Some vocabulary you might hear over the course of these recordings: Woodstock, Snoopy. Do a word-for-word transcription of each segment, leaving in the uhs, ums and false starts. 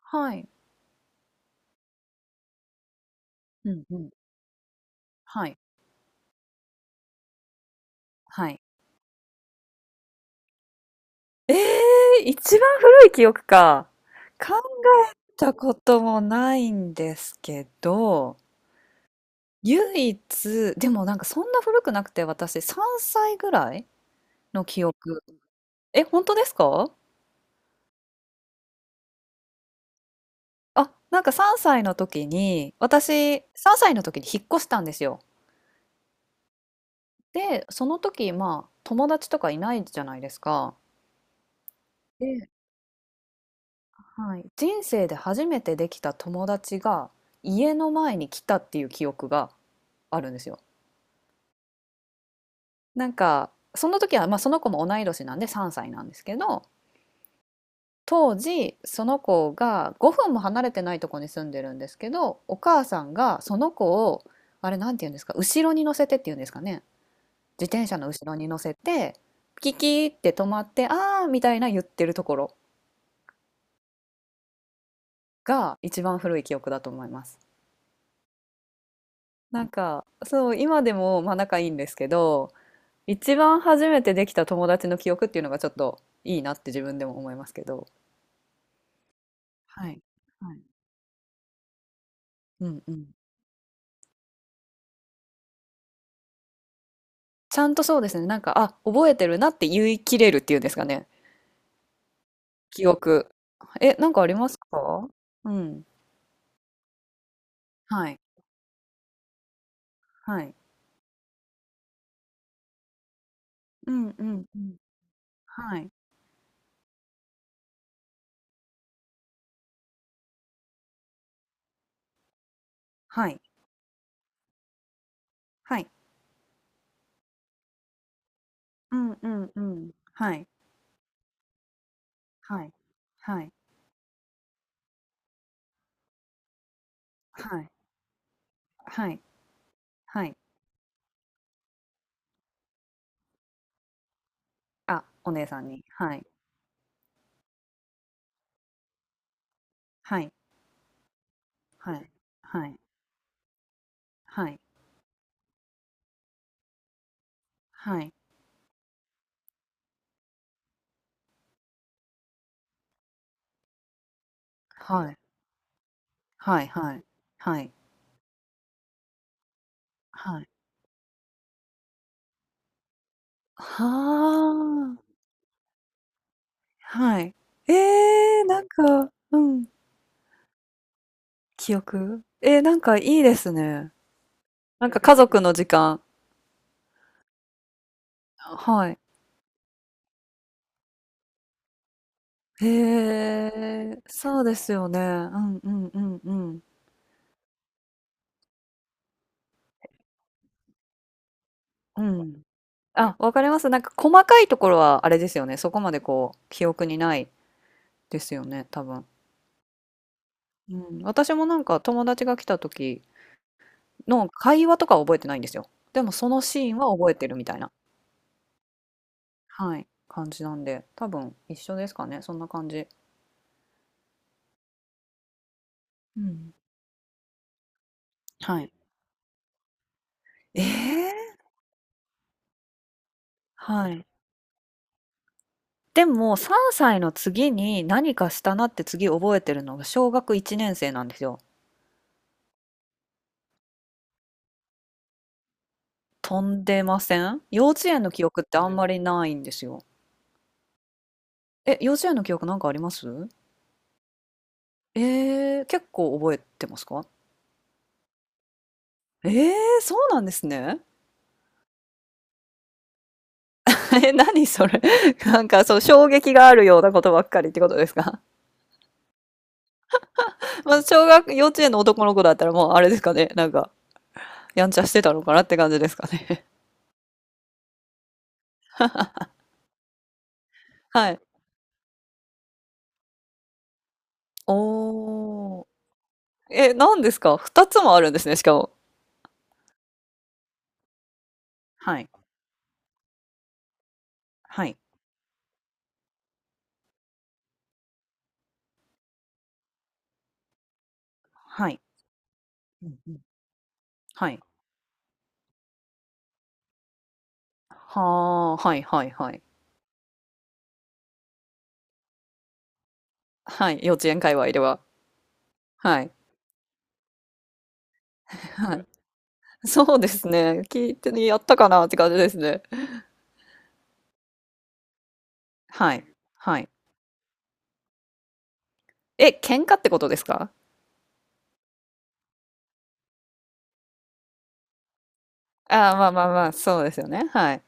はい。うんうん。はい。はい。ええ、一番古い記憶か。考えたこともないんですけど、唯一、でもなんかそんな古くなくて、私さんさいぐらいの記憶。え、本当ですか？あ、なんかさんさいの時に、私さんさいの時に引っ越したんですよ。で、その時、まあ、友達とかいないじゃないですか。ではい、人生で初めてできた友達が家の前に来たっていう記憶があるんですよ。なんかその時は、まあ、その子も同い年なんでさんさいなんですけど、当時その子がごふんも離れてないとこに住んでるんですけど、お母さんがその子を、あれなんて言うんですか、後ろに乗せてっていうんですかね、自転車の後ろに乗せてキキーって止まってあーみたいな言ってるところが一番古い記憶だと思います。なんかそう、今でもまあ仲いいんですけど、一番初めてできた友達の記憶っていうのがちょっといいなって自分でも思いますけど。はい。はい。うんうん。ちゃんとそうですね、なんか、あ、覚えてるなって言い切れるっていうんですかね、記憶。え、なんかありますか？うん。はい。はい。うんうんうん。はい。はい。はい。うんうんうん。はい。はい。はい。はい。はい。はい。あ、お姉さんに。はい。はい。はい。はい。はい。はい。はい。はいはい。はい。はい。はあ。はい。ええ、なんかうん、記憶。えー、なんかいいですね。なんか家族の時間。はい。へえ、そうですよね。うんうんうんうん。うん。あ、わかります。なんか細かいところはあれですよね、そこまでこう記憶にないですよね、多分。うん、私もなんか友達が来た時の会話とかは覚えてないんですよ。でもそのシーンは覚えてるみたいな。はい、感じなんで、多分一緒ですかね、そんな感じ。うん。はい。ええ！はい。でも、さんさいの次に何かしたなって次覚えてるのが小学いちねん生なんですよ。飛んでません？幼稚園の記憶ってあんまりないんですよ。え、幼稚園の記憶なんかあります？えー、結構覚えてますか？えー、そうなんですね。え、何それ。なんかそう、衝撃があるようなことばっかりってことですか？まあ、小学幼稚園の男の子だったらもうあれですかね、なんかやんちゃしてたのかなって感じですかね。はい。おー。え、なんですか？ ふた つもあるんですね、しかも。はい。はい。はい。うんうん。はい。はあ、はいはいはい。はい、幼稚園界隈では。はい。はい。そうですね。聞いてね、やったかなって感じですね。はい。はい。え、喧嘩ってことですか？ああ、まあまあまあ、そうですよね、はい。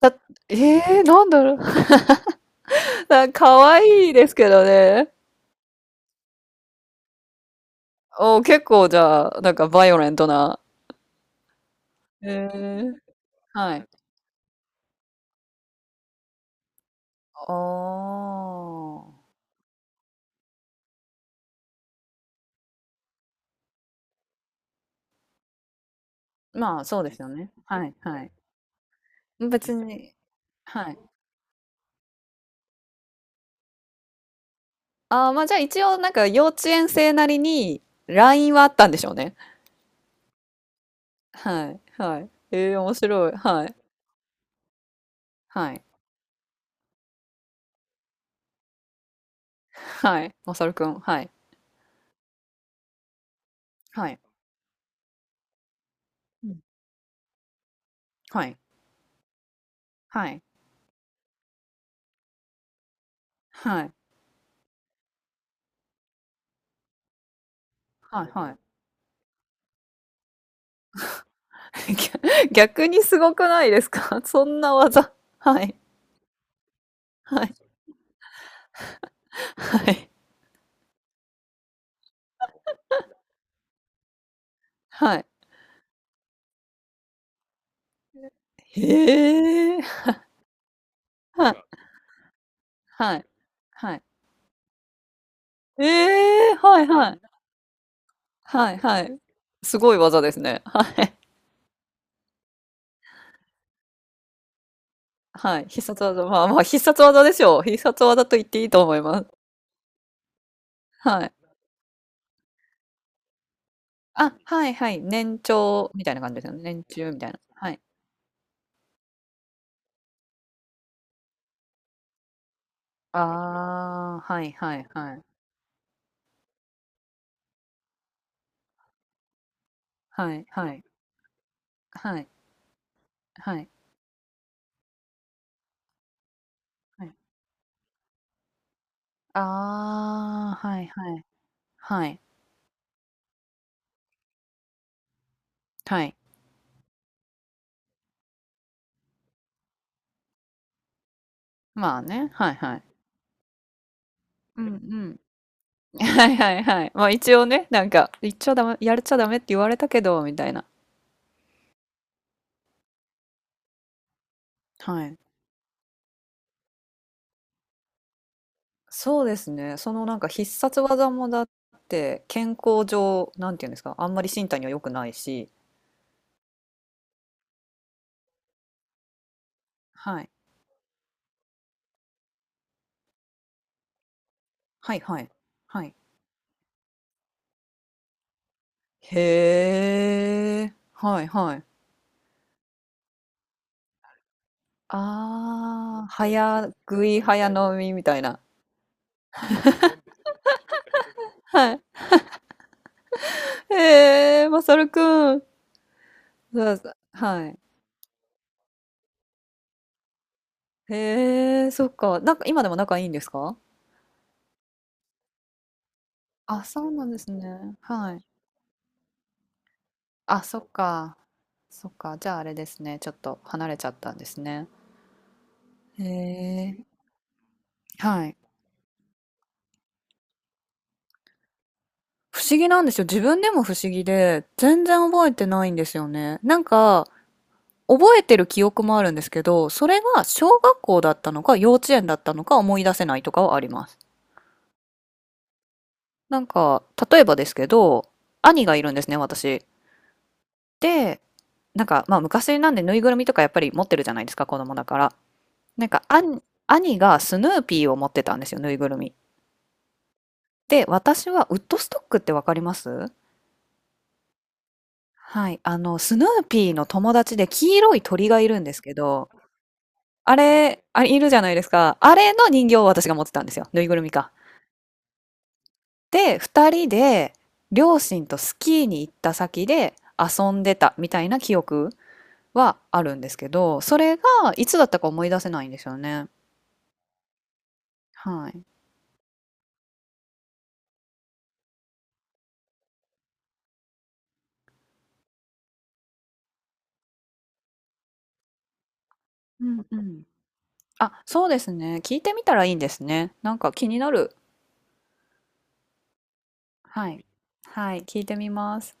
だええ、なんだろう。なん可愛いですけどね。おお、結構じゃあ、なんかバイオレントな。へえ、はい。ああ、まあ、そうですよね。はいはい。別にはい。ああ、ま、じゃあ、一応なんか幼稚園生なりに ライン はあったんでしょうね。はいはい。ええ、面白い。はい。はい。はい。まさるくん、はい。はい。うん。はい。はい。はい。はいはい。逆にすごくないですか？そんな技。はい。はいはい。はい。へえ。はいはい。はい。ええ、はいははい。い。はいはい。すごい技ですね。はい。はい、必殺技、まあまあ、必殺技でしょう。必殺技と言っていいと思います。はい。あ、はいはい、年長みたいな感じですよね。年中みたいな。はい。ああ、はいはいはい。はいはい。はいはい。はい。ああ、はいはい。はい。はい。まあね、はいはい。うんうん。はいはいはい。まあ、一応ね、なんか、言っちゃダメやっちゃダメって言われたけどみたいな。はい。そうですね。そのなんか必殺技もだって健康上、なんていうんですか、あんまり身体には良くないし、はい。はいはい。はい。へえ。はいはい。ああ、早食い早飲みみたいな。はい。へえ、マサルくん。だはい。へえ、そっか。なんか今でも仲いいんですか？あ、そうなんですね。はい。あ、そっか。そっか。じゃああれですね。ちょっと離れちゃったんですね。へえ。はい。不思議なんですよ。自分でも不思議で、全然覚えてないんですよね。なんか、覚えてる記憶もあるんですけど、それが小学校だったのか幼稚園だったのか思い出せないとかはあります。なんか、例えばですけど、兄がいるんですね、私。で、なんか、まあ昔なんでぬいぐるみとかやっぱり持ってるじゃないですか、子供だから。なんか、兄兄がスヌーピーを持ってたんですよ、ぬいぐるみ。で、私はウッドストックってわかります？はい、あの、スヌーピーの友達で黄色い鳥がいるんですけど、あれ、あれいるじゃないですか。あれの人形を私が持ってたんですよ。ぬいぐるみか。で、二人で両親とスキーに行った先で遊んでたみたいな記憶はあるんですけど、それがいつだったか思い出せないんですよね。はい。うんうん。あ、そうですね。聞いてみたらいいんですね。なんか気になる。はい。はい、聞いてみます。